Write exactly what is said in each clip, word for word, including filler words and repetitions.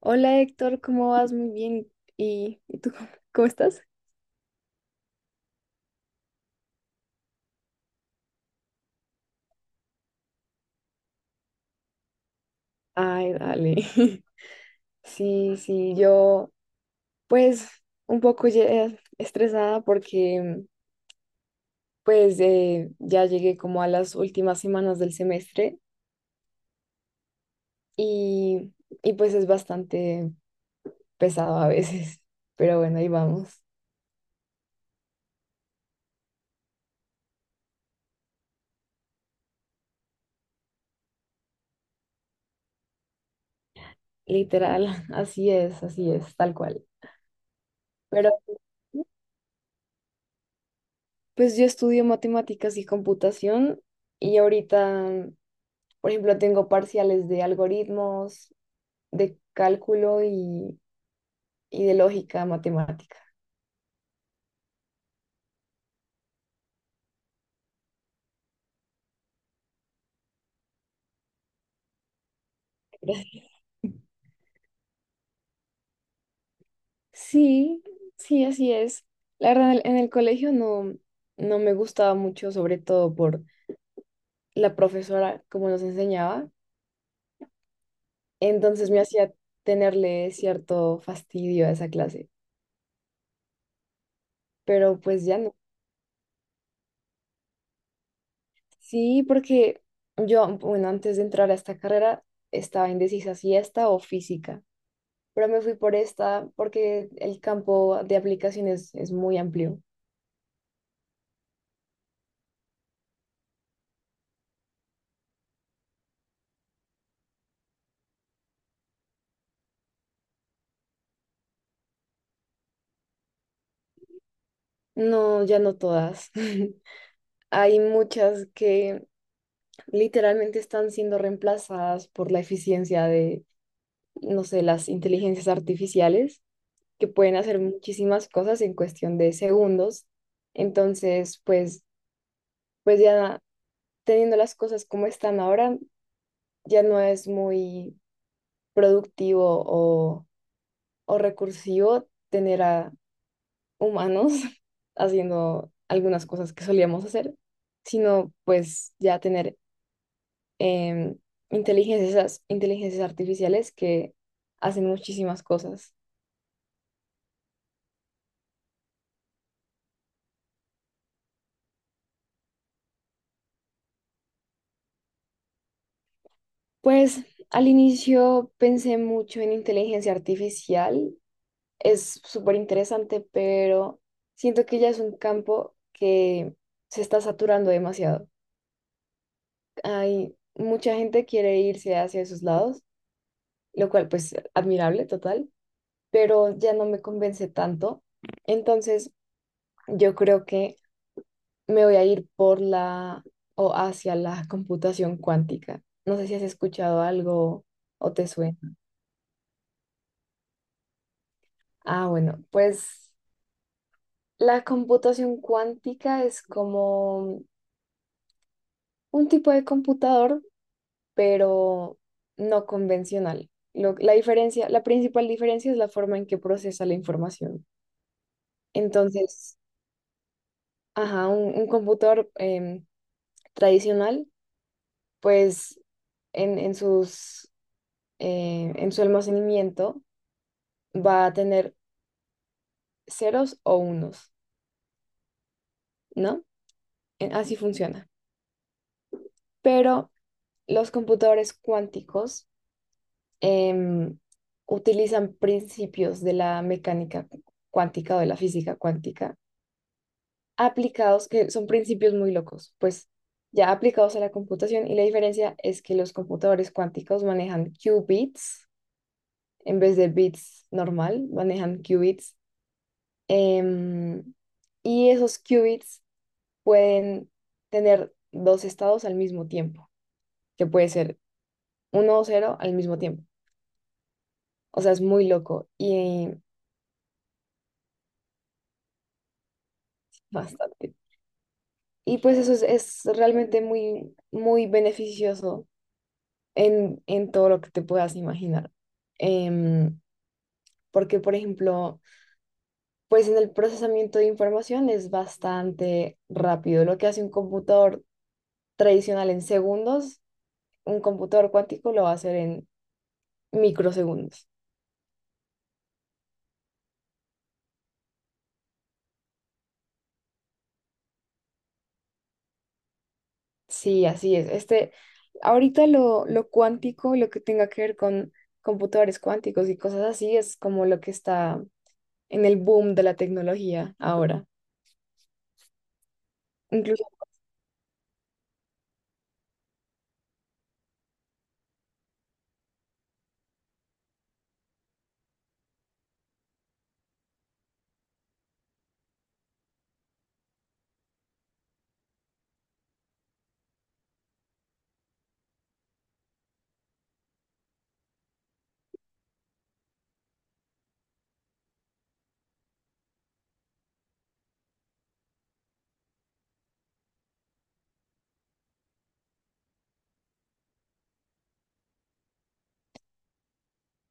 Hola Héctor, ¿cómo vas? Muy bien. ¿Y, y tú cómo, cómo estás? Ay, dale. Sí, sí, yo pues un poco ye- estresada porque pues eh, ya llegué como a las últimas semanas del semestre y, y pues es bastante pesado a veces, pero bueno, ahí vamos. Literal, así es, así es, tal cual. Pero pues yo estudio matemáticas y computación y ahorita, por ejemplo, tengo parciales de algoritmos, de cálculo y, y de lógica matemática. Sí, sí, así es. La verdad, en el, en el colegio no, no me gustaba mucho, sobre todo por la profesora, como nos enseñaba. Entonces me hacía tenerle cierto fastidio a esa clase, pero pues ya no. Sí, porque yo, bueno, antes de entrar a esta carrera estaba indecisa si esta o física, pero me fui por esta porque el campo de aplicaciones es muy amplio. No, ya no todas. Hay muchas que literalmente están siendo reemplazadas por la eficiencia de, no sé, las inteligencias artificiales, que pueden hacer muchísimas cosas en cuestión de segundos. Entonces, pues, pues ya teniendo las cosas como están ahora, ya no es muy productivo o, o recursivo tener a humanos haciendo algunas cosas que solíamos hacer, sino pues ya tener em, inteligencias, inteligencias artificiales que hacen muchísimas cosas. Pues al inicio pensé mucho en inteligencia artificial, es súper interesante, pero siento que ya es un campo que se está saturando demasiado. Hay mucha gente quiere irse hacia esos lados, lo cual pues admirable, total, pero ya no me convence tanto. Entonces, yo creo que me voy a ir por la o hacia la computación cuántica. No sé si has escuchado algo o te suena. Ah, bueno, pues la computación cuántica es como un tipo de computador, pero no convencional. Lo- la diferencia, la principal diferencia es la forma en que procesa la información. Entonces, ajá, un, un computador em, tradicional pues en, en sus, eh, en su almacenamiento va a tener ceros o unos, ¿no? En- Así funciona. Pero los computadores cuánticos em, utilizan principios de la mecánica cu- cuántica o de la física cuántica aplicados, que son principios muy locos, pues ya aplicados a la computación, y la diferencia es que los computadores cuánticos manejan qubits en vez de bits normal, manejan qubits. Em, y esos qubits pueden tener dos estados al mismo tiempo, que puede ser uno o cero al mismo tiempo. O sea, es muy loco y bastante. Y pues eso es, es realmente muy, muy beneficioso en, en todo lo que te puedas imaginar. Em, Porque, por ejemplo, pues en el procesamiento de información es bastante rápido. Lo que hace un computador tradicional en segundos, un computador cuántico lo va a hacer en microsegundos. Sí, así es. Este, ahorita lo, lo cuántico, lo que tenga que ver con computadores cuánticos y cosas así, es como lo que está en el boom de la tecnología ahora. Incluso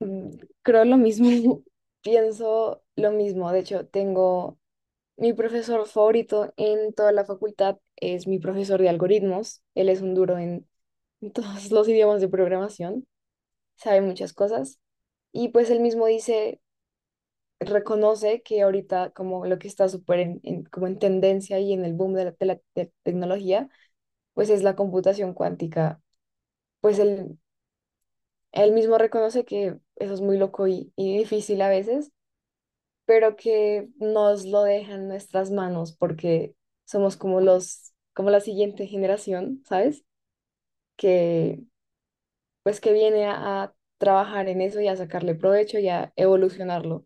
mm, creo lo mismo, pienso lo mismo. De hecho, tengo mi profesor favorito en toda la facultad, es mi profesor de algoritmos. Él es un duro en en todos los idiomas de programación, sabe muchas cosas. Y pues él mismo dice, reconoce que ahorita como lo que está súper en, en- como en tendencia y en el boom de la, de la te- tecnología, pues es la computación cuántica. Pues él, él mismo reconoce que eso es muy loco y, y difícil a veces, pero que nos lo deja en nuestras manos porque somos como los, como la siguiente generación, ¿sabes? Que pues que viene a, a trabajar en eso y a sacarle provecho y a evolucionarlo.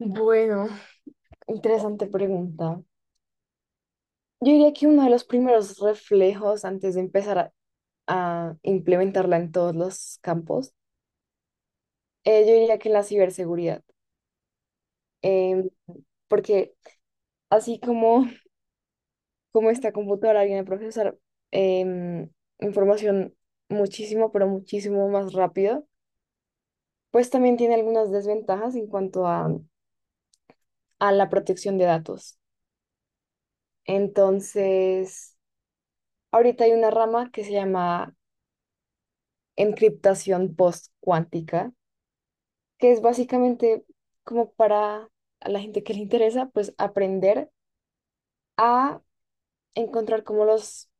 Bueno, interesante pregunta. Yo diría que uno de los primeros reflejos antes de empezar a, a implementarla en todos los campos, eh, yo diría que en la ciberseguridad. Em, Porque así como, como esta computadora viene a procesar em, información muchísimo, pero muchísimo más rápido, pues también tiene algunas desventajas en cuanto a, a la protección de datos. Entonces, ahorita hay una rama que se llama encriptación post, que es básicamente como para a la gente que le interesa, pues aprender a encontrar como los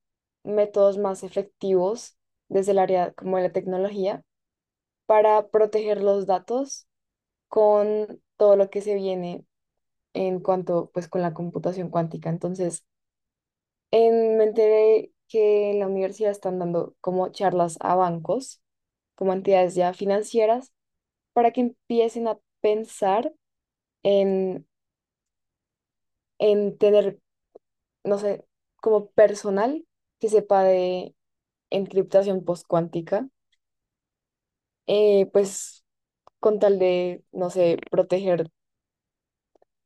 métodos más efectivos desde el área como de la tecnología para proteger los datos con todo lo que se viene en cuanto pues con la computación cuántica. Entonces, en, me enteré que en la universidad están dando como charlas a bancos, como entidades ya financieras, para que empiecen a pensar en en tener, no sé, como personal que sepa de encriptación postcuántica, eh, pues con tal de, no sé, proteger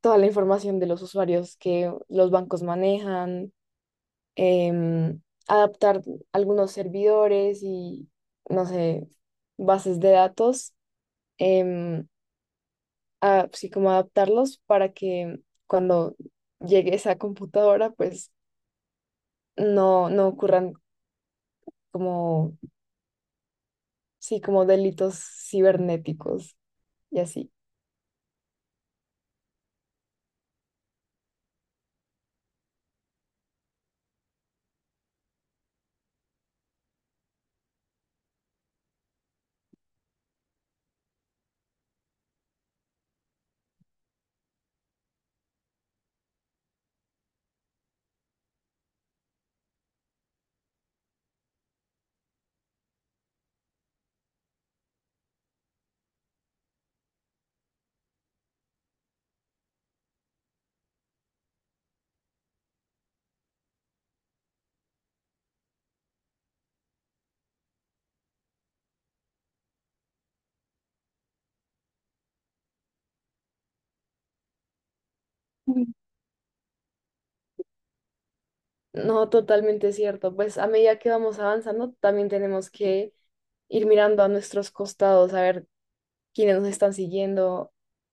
toda la información de los usuarios que los bancos manejan, em, adaptar algunos servidores y, no sé, bases de datos, em, a- sí, como adaptarlos para que cuando llegue esa computadora, pues no, no ocurran como, sí, como delitos cibernéticos y así. Mm. No, totalmente cierto. Pues a medida que vamos avanzando, también tenemos que ir mirando a nuestros costados, a ver quiénes nos están siguiendo,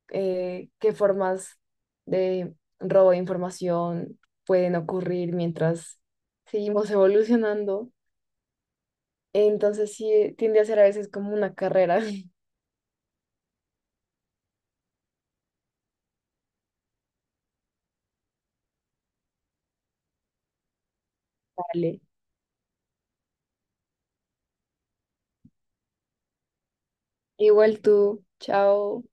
eh, qué formas de robo de información pueden ocurrir mientras seguimos evolucionando. Entonces sí, tiende a ser a veces como una carrera. Vale. Igual tú, chao.